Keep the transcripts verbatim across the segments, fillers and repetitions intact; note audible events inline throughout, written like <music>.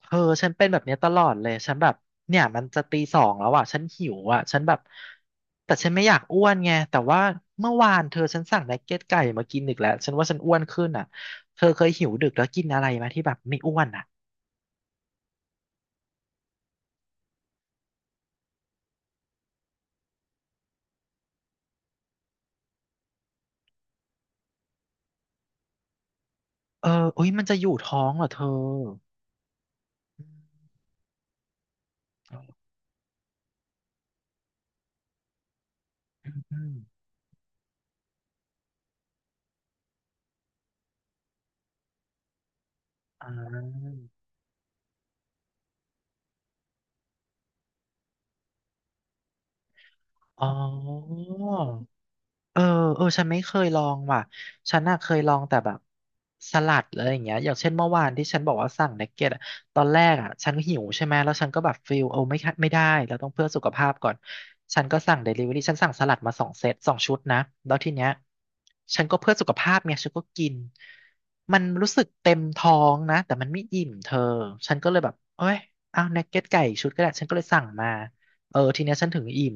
เธอฉันเป็นแบบเนี้ยตลอดเลยฉันแบบเนี่ยมันจะตีสองแล้วอ่ะฉันหิวอ่ะฉันแบบแต่ฉันไม่อยากอ้วนไงแต่ว่าเมื่อวานเธอฉันสั่งนักเก็ตไก่มากินอีกแล้วฉันว่าฉันอ้วนขึ้นอ่ะเธอเคยหิวดึกแล้วกินอะไรไหมที่แบบไม่อ้วนอ่ะเออเอ้ยมันจะอยู่ท้องเหรอเธออืมอืมอืมอ่าอ๋อ เออเออฉันไม่เคยลองว่ะ ฉันน่ะเคยลองแต่แบบสลัดอะไรอย่างเงี้ยอย่างเช่นเมื่อวานที่ฉันบอกว่าสั่งเนกเก็ตอะตอนแรกอ่ะฉันหิวใช่ไหมแล้วฉันก็แบบฟิลโอ้ไม่ค่ะไม่ได้เราต้องเพื่อสุขภาพก่อนฉันก็สั่งเดลิเวอรี่ฉันสั่งสลัดมาสองเซตสองชุดนะแล้วทีเนี้ยฉันก็เพื่อสุขภาพเนี่ยฉันก็กินมันรู้สึกเต็มท้องนะแต่มันไม่อิ่มเธอฉันก็เลยแบบเอ้ยเอาเนกเก็ตไก่อีกชุดก็ได้ฉันก็เลยสั่งมา เออทีเนี้ยฉันถึงอิ่ม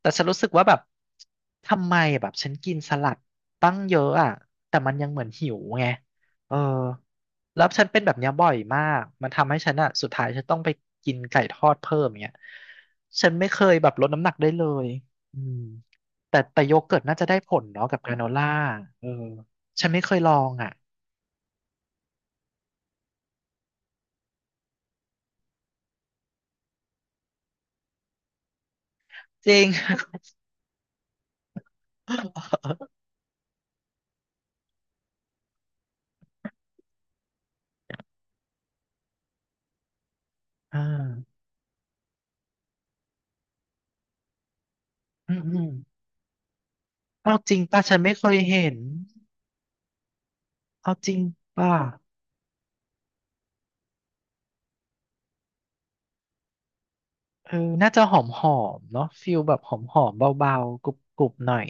แต่ฉันรู้สึกว่าแบบทำไมแบบฉันกินสลัดตั้งเยอะอ่ะแต่มันยังเหมือนหิวไงเออแล้วฉันเป็นแบบเนี้ยบ่อยมากมันทำให้ฉันอ่ะสุดท้ายฉันต้องไปกินไก่ทอดเพิ่มอย่างเงี้ยฉันไม่เคยแบบลดน้ำหนักได้เลยอืมแต่แต่โยเกิร์ตน่าจะได้ผลเนาะกับกราโนล่าเออฉันไม่เคยลองอ่ะจริง <laughs> อ่าอืมอืมเอาจริงป่ะฉันไม่เคยเห็น เอาจริงป่ะเออน่าจะหอมหอมเนาะฟิลแบบหอมหอมเบาๆกรุบกรุบหน่อย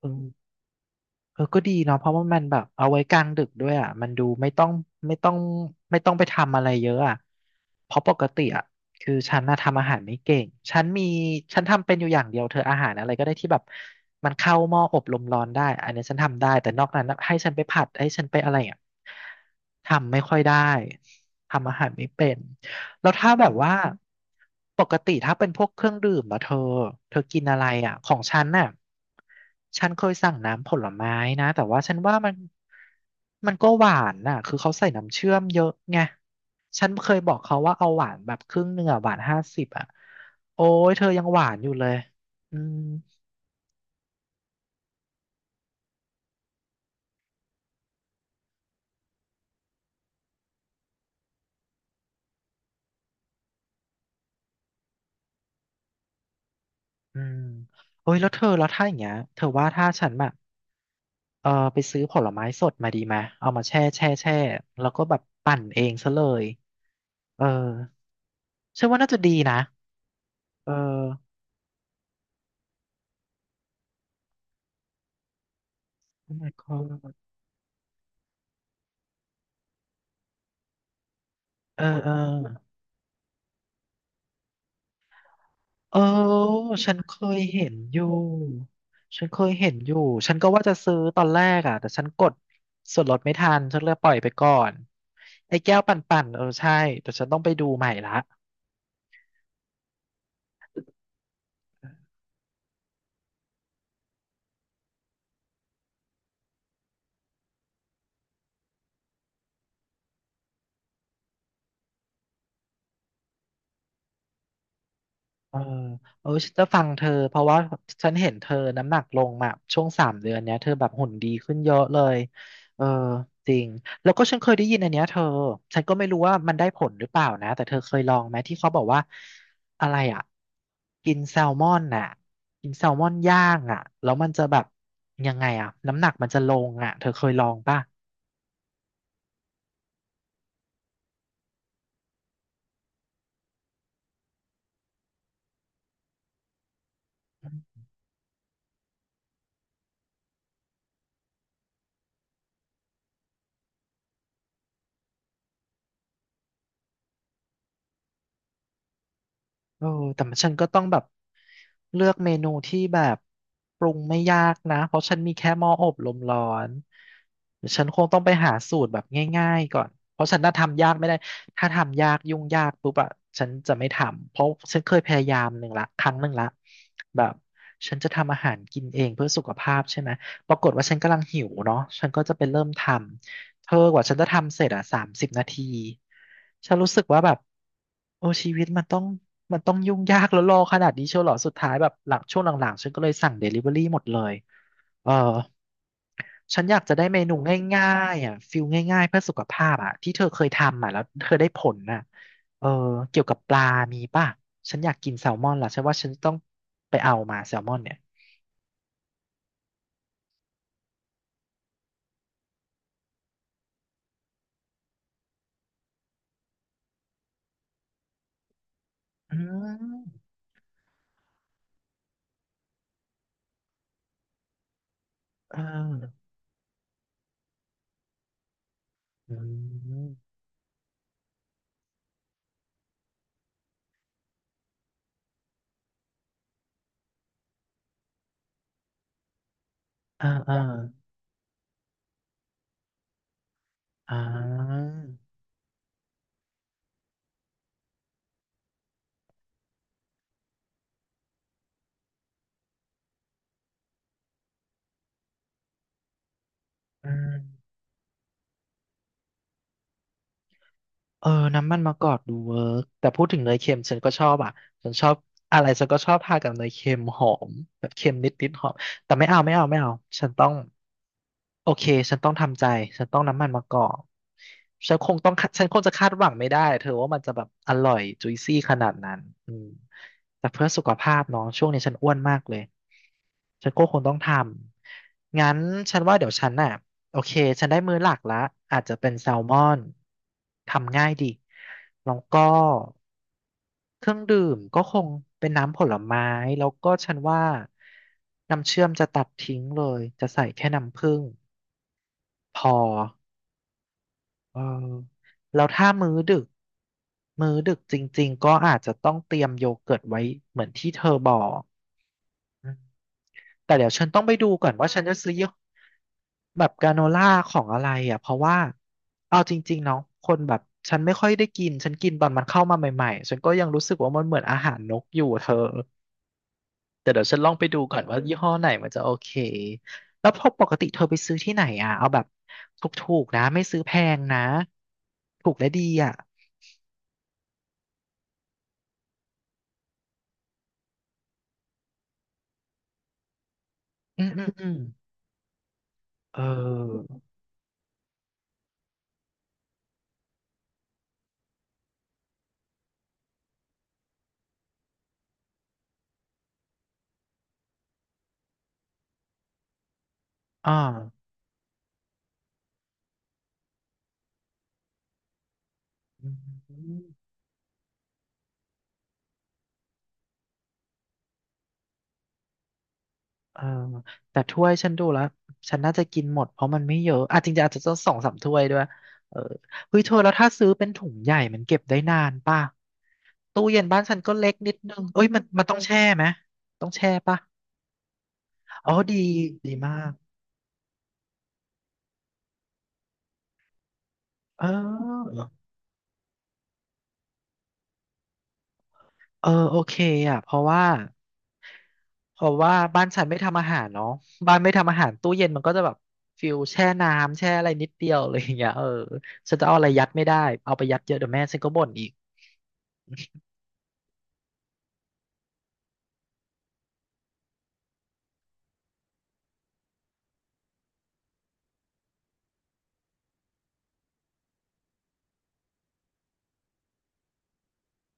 เออเออก็ดีเนาะเพราะว่ามันแบบเอาไว้กลางดึกด้วยอ่ะมันดูไม่ต้องไม่ต้องไม่ต้องไปทำอะไรเยอะอ่ะเพราะปกติอ่ะคือฉันน่ะทำอาหารไม่เก่งฉันมีฉันทำเป็นอยู่อย่างเดียวเธออาหารอะไรก็ได้ที่แบบมันเข้าหม้ออบลมร้อนได้อันนี้ฉันทำได้แต่นอกนั้นน่ะให้ฉันไปผัดให้ฉันไปอะไรอ่ะทำไม่ค่อยได้ทำอาหารไม่เป็น แล้วถ้าแบบว่าปกติถ้าเป็นพวกเครื่องดื่มอะเธอเธอกินอะไรอะของฉันน่ะฉันเคยสั่งน้ำผลไม้นะแต่ว่าฉันว่ามันมันก็หวานน่ะคือเขาใส่น้ำเชื่อมเยอะไงฉันเคยบอกเขาว่าเอาหวานแบบครึ่งหนึ่งอะหวานห้าสิบอะโอ้ยเธอยังหวานอยู่เลยอืมอืมโอ้ยแล้วเธอแล้วถ้าอย่างเงี้ยเธอว่าถ้าฉันแบบเออไปซื้อผลไม้สดมาดีไหมเอามาแช่แช่แช่แล้วก็แบบปั่นเองซะเลย เออฉันว่าน่าจะดีนะเออ Oh my god เออเออเออฉันเคยเห็นอยู่ฉันเคยเห็นอยู่ฉันก็ว่าจะซื้อตอนแรกอ่ะแต่ฉันกดส่วนลดไม่ทันฉันเลยปล่อยไปก่อนไอ้แก้วปั่นๆเออใช่แต่ฉันต้องไปดูใหม่ละ เออเออฉันจะฟังเธอเพราะว่าฉันเห็นเธอน้ำหนักลงมาช่วงสามเดือนเนี้ยเธอแบบหุ่นดีขึ้นเยอะเลยเออจริงแล้วก็ฉันเคยได้ยินอันเนี้ยเธอฉันก็ไม่รู้ว่ามันได้ผลหรือเปล่านะแต่เธอเคยลองไหมที่เขาบอกว่าอะไรอ่ะกินแซลมอนน่ะกินแซลมอนย่างอ่ะแล้วมันจะแบบยังไงอ่ะน้ำหนักมันจะลงอ่ะเธอเคยลองป่ะ เออแต่ฉันก็ต้องแบบเลือกเมนูที่แบบปรุงไม่ยากนะเพราะฉันมีแค่หม้ออบลมร้อนเดี๋ยวฉันคงต้องไปหาสูตรแบบง่ายๆก่อนเพราะฉันน่าทำยากไม่ได้ถ้าทำยากยุ่งยากปุ๊บอะฉันจะไม่ทำเพราะฉันเคยพยายามหนึ่งละครั้งหนึ่งละแบบฉันจะทำอาหารกินเองเพื่อสุขภาพใช่ไหมปรากฏว่าฉันกำลังหิวเนาะฉันก็จะไปเริ่มทำ เธอกว่าฉันจะทำเสร็จอ่ะสามสิบนาที ฉันรู้สึกว่าแบบโอ้ชีวิตมันต้องมันต้องยุ่งยากแล้วรอขนาดนี้เชียวเหรอสุดท้ายแบบหลังช่วงหลังๆฉันก็เลยสั่งเดลิเวอรี่หมดเลย เออฉันอยากจะได้เมนูง่ายๆอ่ะฟิลง่ายๆเพื่อสุขภาพอ่ะที่เธอเคยทำอ่ะแล้วเธอได้ผลน่ะเออเกี่ยวกับปลามีป่ะฉันอยากกินแซลมอนละฉันว่าฉันต้องไปเอามาแซลมอนเนี่ยอืมเอออืมเออเอออ่าอืม เออน้ำมันมะกอกดูเวิร์กแต่พูดถึงเนยเค็มฉันก็ชอบอ่ะฉันชอบอะไรฉันก็ชอบทากับเนยเค็มหอมแบบเค็มนิดๆหอมแต่ไม่เอาไม่เอาไม่เอาฉันต้องโอเคฉันต้องทำใจฉันต้องน้ำมันมะกอกฉันคงต้องคาฉันคงจะคาดหวังไม่ได้เธอว่ามันจะแบบอร่อยจุยซี่ขนาดนั้นอืมแต่เพื่อสุขภาพเนาะช่วงนี้ฉันอ้วนมากเลยฉันก็คงต้องทำงั้นฉันว่าเดี๋ยวฉันน่ะ โอเค ฉันได้มื้อหลักละอาจจะเป็นแซลมอน ทำง่ายดีแล้วก็เครื่องดื่มก็คงเป็นน้ำผลไม้ แล้วก็ฉันว่าน้ำเชื่อมจะตัดทิ้งเลย จะใส่แค่น้ำผึ้งพอเออแล้วถ้ามื้อดึก มื้อดึกจริงๆก็อาจจะต้องเตรียมโยเกิร์ตไว้เหมือนที่เธอบอก แต่เดี๋ยวฉันต้องไปดูก่อนว่าฉันจะซื้อยี่ห้อแบบกราโนล่าของอะไรอ่ะเพราะว่าเอาจริงๆเนาะคนแบบฉันไม่ค่อยได้กินฉันกินตอนมันเข้ามาใหม่ๆฉันก็ยังรู้สึกว่ามันเหมือนอาหารนกอยู่เธอแต่เดี๋ยวฉันลองไปดูก่อนว่ายี่ห้อไหนมันจะโอเคแล้วพอปกติเธอไปซื้อที่ไหนอ่ะเอาแบบถูกๆนะไม่ซื้อแพงนะถูกและดีอ่ะอืมอืมอืมเอออ่าอืม เออแต่ถ้วยฉันดูแล้วฉันน่าจะกินหมดเพราะมันไม่เยอะอ่ะจริงๆอาจจะต้องสองสามถ้วยด้วยเออเฮ้ยเธอแล้วถ้าซื้อเป็นถุงใหญ่มันเก็บได้นานป่ะตู้เย็นบ้านฉันก็เล็กนิดนึงเอ้ยมันมันต้องแช่ไหมต้องแช่ป่ะอ๋อดีดีมากเออเออโอเคอ่ะเพราะว่าเพราะว่าบ้านฉันไม่ทำอาหารเนาะบ้านไม่ทำอาหารตู้เย็นมันก็จะแบบฟิลแช่น้ำแช่อะไรนิดเดียวอะไรอย่างเงี้ยเออฉันจะเอาอะไรยัดไม่ได้เอาไปยัดเยอะเดี๋ยวแม่ฉันก็บ่นอีก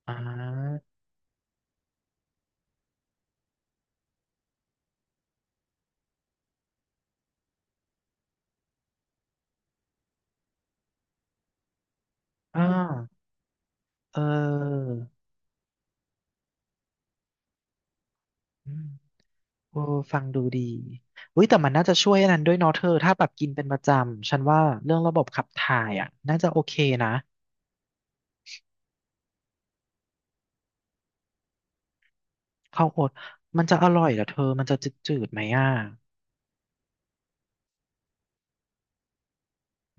อ่าอ่าอเอออืมโอ้ฟังดูดีอุ้ยแต่มันน่าจะช่วยอันนั้นด้วยเนาะเธอ ถ้าแบบกินเป็นประจำ ฉันว่าเรื่องระบบขับถ่ายอ่ะน่าจะโอเคนะข้าวโอ๊ตมันจะอร่อยเหรอเธอ มันจะจืดๆไหมอ่ะ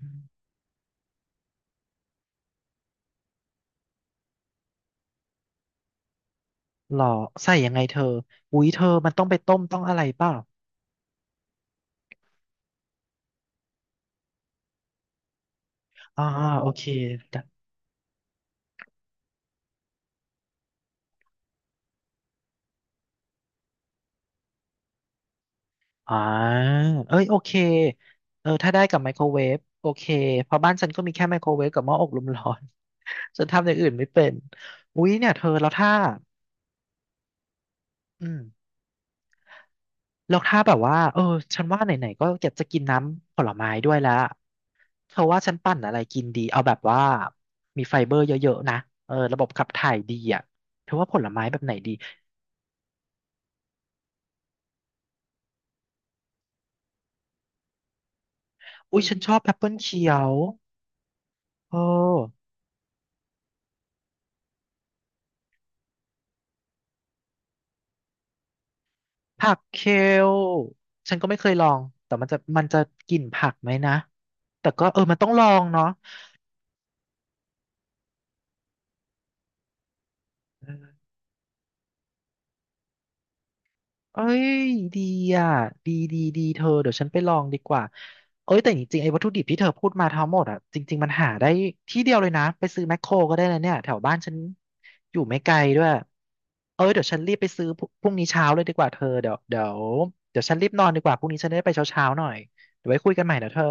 อืมหรอใส่ยังไงเธออุ้ยเธอ มันต้องไปต้มต้องอะไรเปล่าอ่าโอเค อ่าเอ้ยโอเคเออถ้าได้กับไมโครเวฟโอเคเพราะบ้านฉันก็มีแค่ไมโครเวฟกับหม้ออบลมร้อน <laughs> ฉันทำอย่างอื่นไม่เป็นอุ๊ยเนี่ยเธอแล้วถ้าอืมแล้วถ้าแบบว่าเออฉันว่าไหนๆก็อยากจะกินน้ำผลไม้ด้วยแล้วเธอว่าฉันปั่นอะไรกินดีเอาแบบว่ามีไฟเบอร์เยอะๆนะเออระบบขับถ่ายดีอ่ะเธอว่าผลไม้แบบไหนดีอุ๊ยฉันชอบแอปเปิลเขียวเออ ผักเคลฉันก็ไม่เคยลอง แต่มันจะมันจะกลิ่นผักไหมนะ แต่ก็เออมันต้องลองเนาะเออเอ้ยดีอ่ะดีดีดีเธอเดี๋ยวฉันไปลองดีกว่าเอ้ยแต่จริงๆไอ้วัตถุดิบที่เธอพูดมาทั้งหมดอ่ะจริงๆมันหาได้ที่เดียวเลยนะ ไปซื้อแมคโครก็ได้เลยเนี่ยแถวบ้านฉันอยู่ไม่ไกลด้วยเอ้ยเดี๋ยวฉันรีบไปซื้อพรุ่งพรุ่งนี้เช้าเลยดีกว่าเธอเดี๋ยวเดี๋ยวเดี๋ยวฉันรีบนอนดีกว่าพรุ่งนี้ฉันได้ไปเช้าๆหน่อยเดี๋ยวไว้คุยกันใหม่นะเธอ